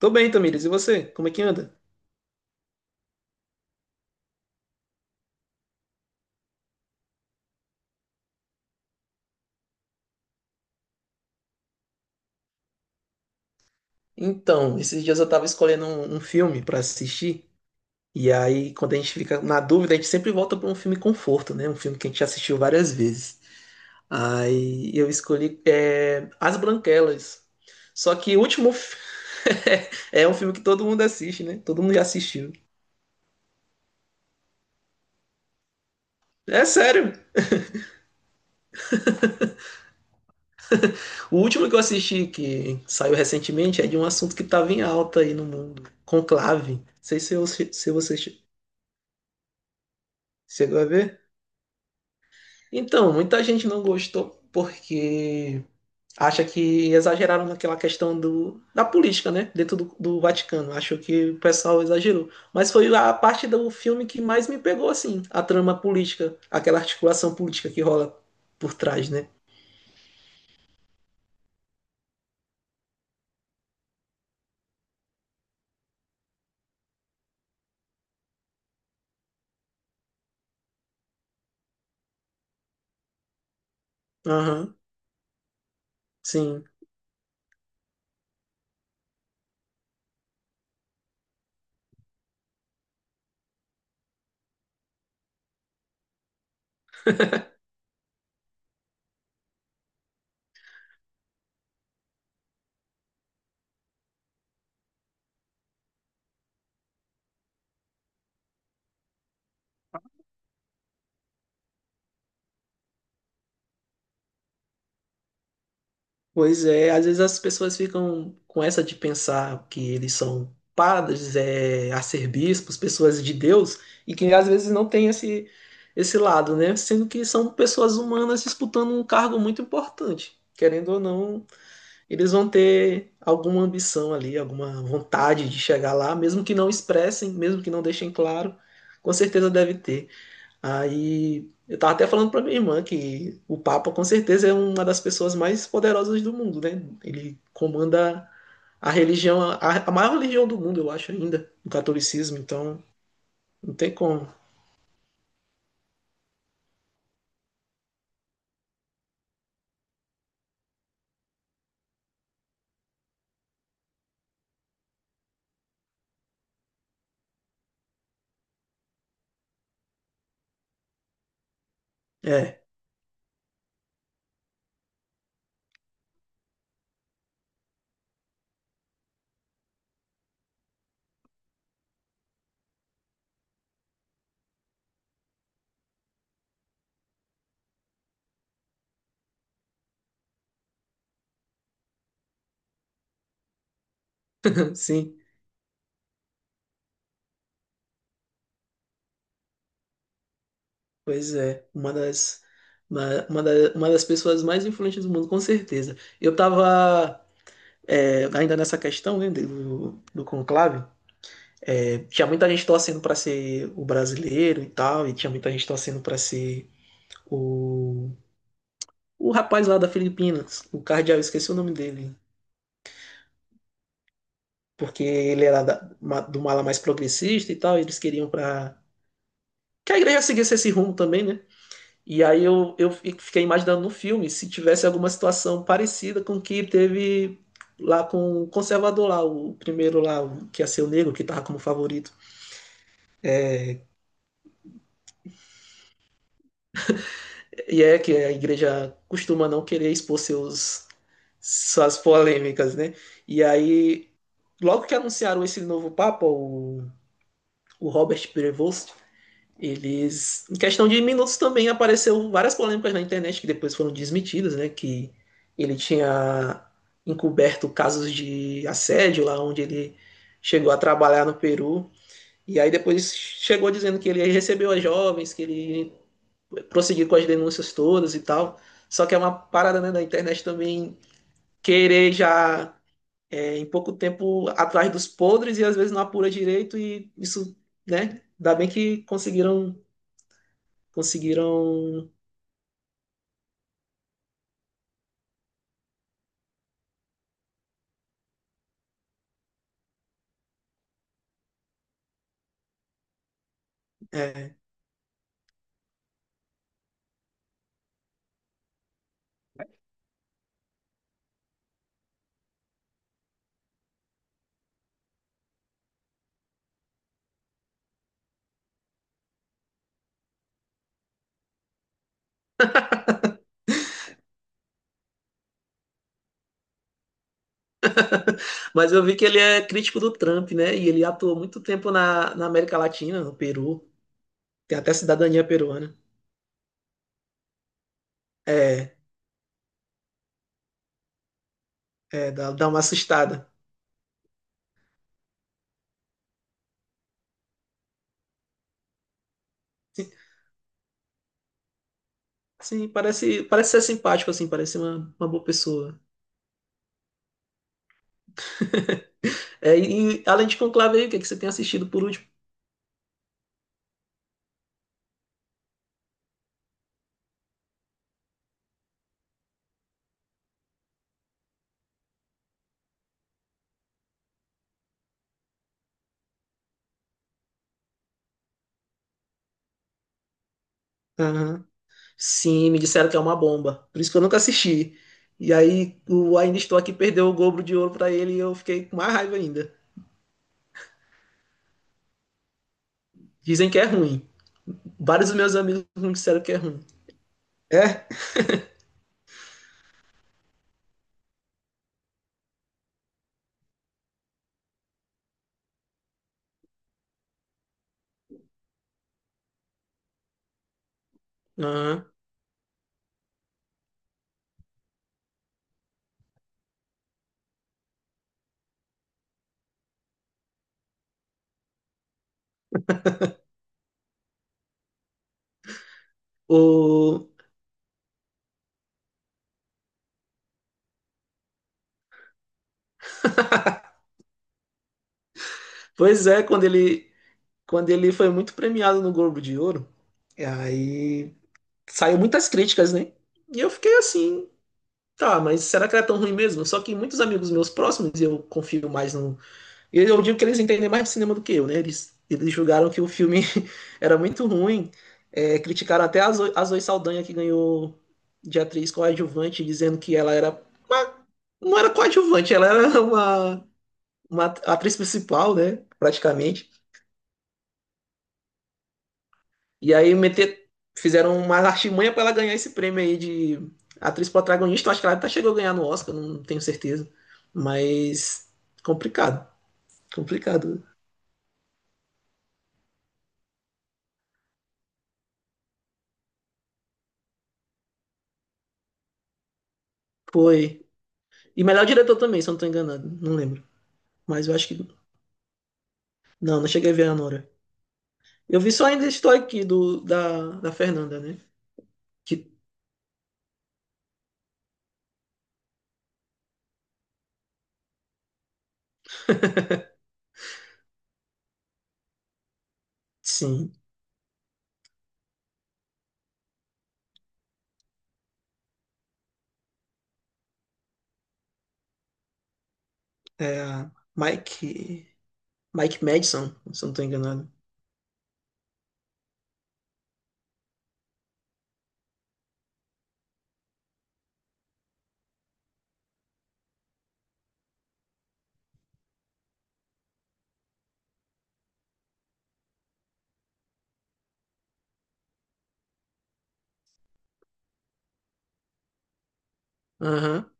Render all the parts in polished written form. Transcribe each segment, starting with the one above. Tô bem, Tamires. E você? Como é que anda? Então, esses dias eu tava escolhendo um filme pra assistir. E aí, quando a gente fica na dúvida, a gente sempre volta pra um filme conforto, né? Um filme que a gente já assistiu várias vezes. Aí eu escolhi As Branquelas. Só que o último fi- é um filme que todo mundo assiste, né? Todo mundo já assistiu. É sério. O último que eu assisti, que saiu recentemente, é de um assunto que tava em alta aí no mundo. Conclave. Não sei se, eu, se você chegou a ver. Então, muita gente não gostou porque acha que exageraram naquela questão da política, né? Dentro do Vaticano. Acho que o pessoal exagerou. Mas foi a parte do filme que mais me pegou, assim, a trama política, aquela articulação política que rola por trás, né? Aham, sim. Pois é, às vezes as pessoas ficam com essa de pensar que eles são padres, é, arcebispos, pessoas de Deus, e que às vezes não tem esse lado, né? Sendo que são pessoas humanas disputando um cargo muito importante. Querendo ou não, eles vão ter alguma ambição ali, alguma vontade de chegar lá, mesmo que não expressem, mesmo que não deixem claro, com certeza deve ter. Aí eu tava até falando pra minha irmã que o Papa com certeza é uma das pessoas mais poderosas do mundo, né? Ele comanda a religião, a maior religião do mundo, eu acho ainda, o catolicismo, então não tem como. É, sim, pois é, uma das uma das pessoas mais influentes do mundo, com certeza. Eu tava ainda nessa questão, né, do conclave, é, tinha muita gente torcendo para ser o brasileiro e tal, e tinha muita gente torcendo para ser o, o rapaz lá da Filipinas, o cardeal, esqueci o nome dele, porque ele era da, ma- do mala mais progressista e tal, eles queriam para que a igreja seguisse esse rumo também, né? E aí eu fiquei imaginando no filme se tivesse alguma situação parecida com o que teve lá com o conservador lá, o primeiro lá, o que ia ser o negro, que tava como favorito. E é que a igreja costuma não querer expor seus, suas polêmicas, né? E aí, logo que anunciaram esse novo papa, o Robert Prevost, eles, em questão de minutos também apareceu várias polêmicas na internet que depois foram desmentidas, né? Que ele tinha encoberto casos de assédio lá onde ele chegou a trabalhar no Peru. E aí depois chegou dizendo que ele recebeu as jovens, que ele prosseguiu com as denúncias todas e tal. Só que é uma parada né, da internet também querer já é, em pouco tempo atrás dos podres e às vezes não apura direito e isso, né? Ainda bem que conseguiram, conseguiram. É. Mas eu vi que ele é crítico do Trump, né? E ele atuou muito tempo na América Latina, no Peru. Tem até cidadania peruana. É, é, dá uma assustada. Sim, parece, parece ser simpático, assim, parece uma boa pessoa. É, e além de Conclave aí, o que, é que você tem assistido por último? Aham. Sim, me disseram que é uma bomba. Por isso que eu nunca assisti. E aí o Ainda Estou Aqui perdeu o Globo de Ouro pra ele e eu fiquei com mais raiva ainda. Dizem que é ruim. Vários dos meus amigos me disseram que é ruim. É? Aham. O... Pois é, quando ele foi muito premiado no Globo de Ouro, e aí saiu muitas críticas, né? E eu fiquei assim, tá, mas será que era tão ruim mesmo? Só que muitos amigos meus próximos, e eu confio mais no, e eu digo que eles entendem mais de cinema do que eu, né? Eles julgaram que o filme era muito ruim, é, criticaram até a Zoe Saldanha, que ganhou de atriz coadjuvante, dizendo que ela era. Uma- não era coadjuvante, ela era uma atriz principal, né? Praticamente. E aí meter, fizeram uma artimanha para ela ganhar esse prêmio aí de atriz protagonista. Eu acho que ela até chegou a ganhar no Oscar, não tenho certeza. Mas complicado, complicado. Foi. E melhor diretor também, se eu não tô enganado. Não lembro. Mas eu acho que. Não, não cheguei a ver a Nora. Eu vi só ainda estou aqui do, da Fernanda, né? Que sim. É a Mike. Mike Madison, se eu não tô enganado. Aham.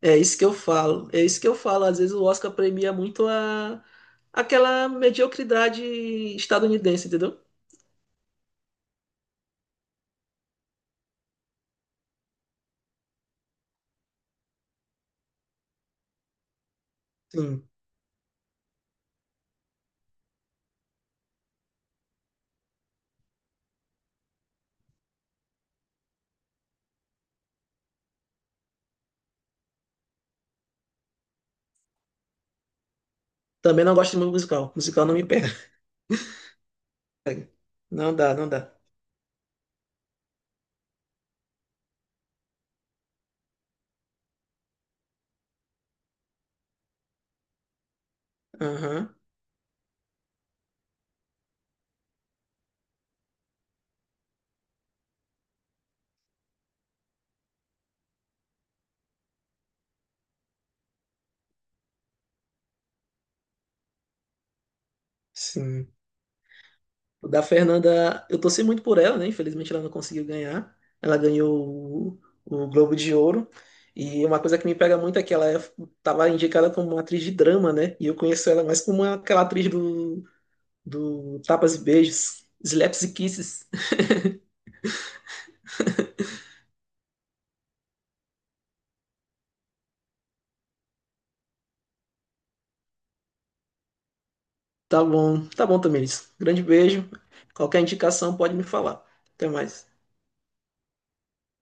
É isso que eu falo. É isso que eu falo. Às vezes o Oscar premia muito a aquela mediocridade estadunidense, entendeu? Sim. Também não gosto de musical. Musical não me pega. Não dá, não dá. Aham. Sim. O da Fernanda, eu torci muito por ela, né? Infelizmente ela não conseguiu ganhar. Ela ganhou o Globo de Ouro. E uma coisa que me pega muito é que ela estava indicada como uma atriz de drama, né? E eu conheço ela mais como aquela atriz do, do Tapas e Beijos, Slaps e Kisses. Tá bom, Tamiris. Grande beijo. Qualquer indicação pode me falar. Até mais.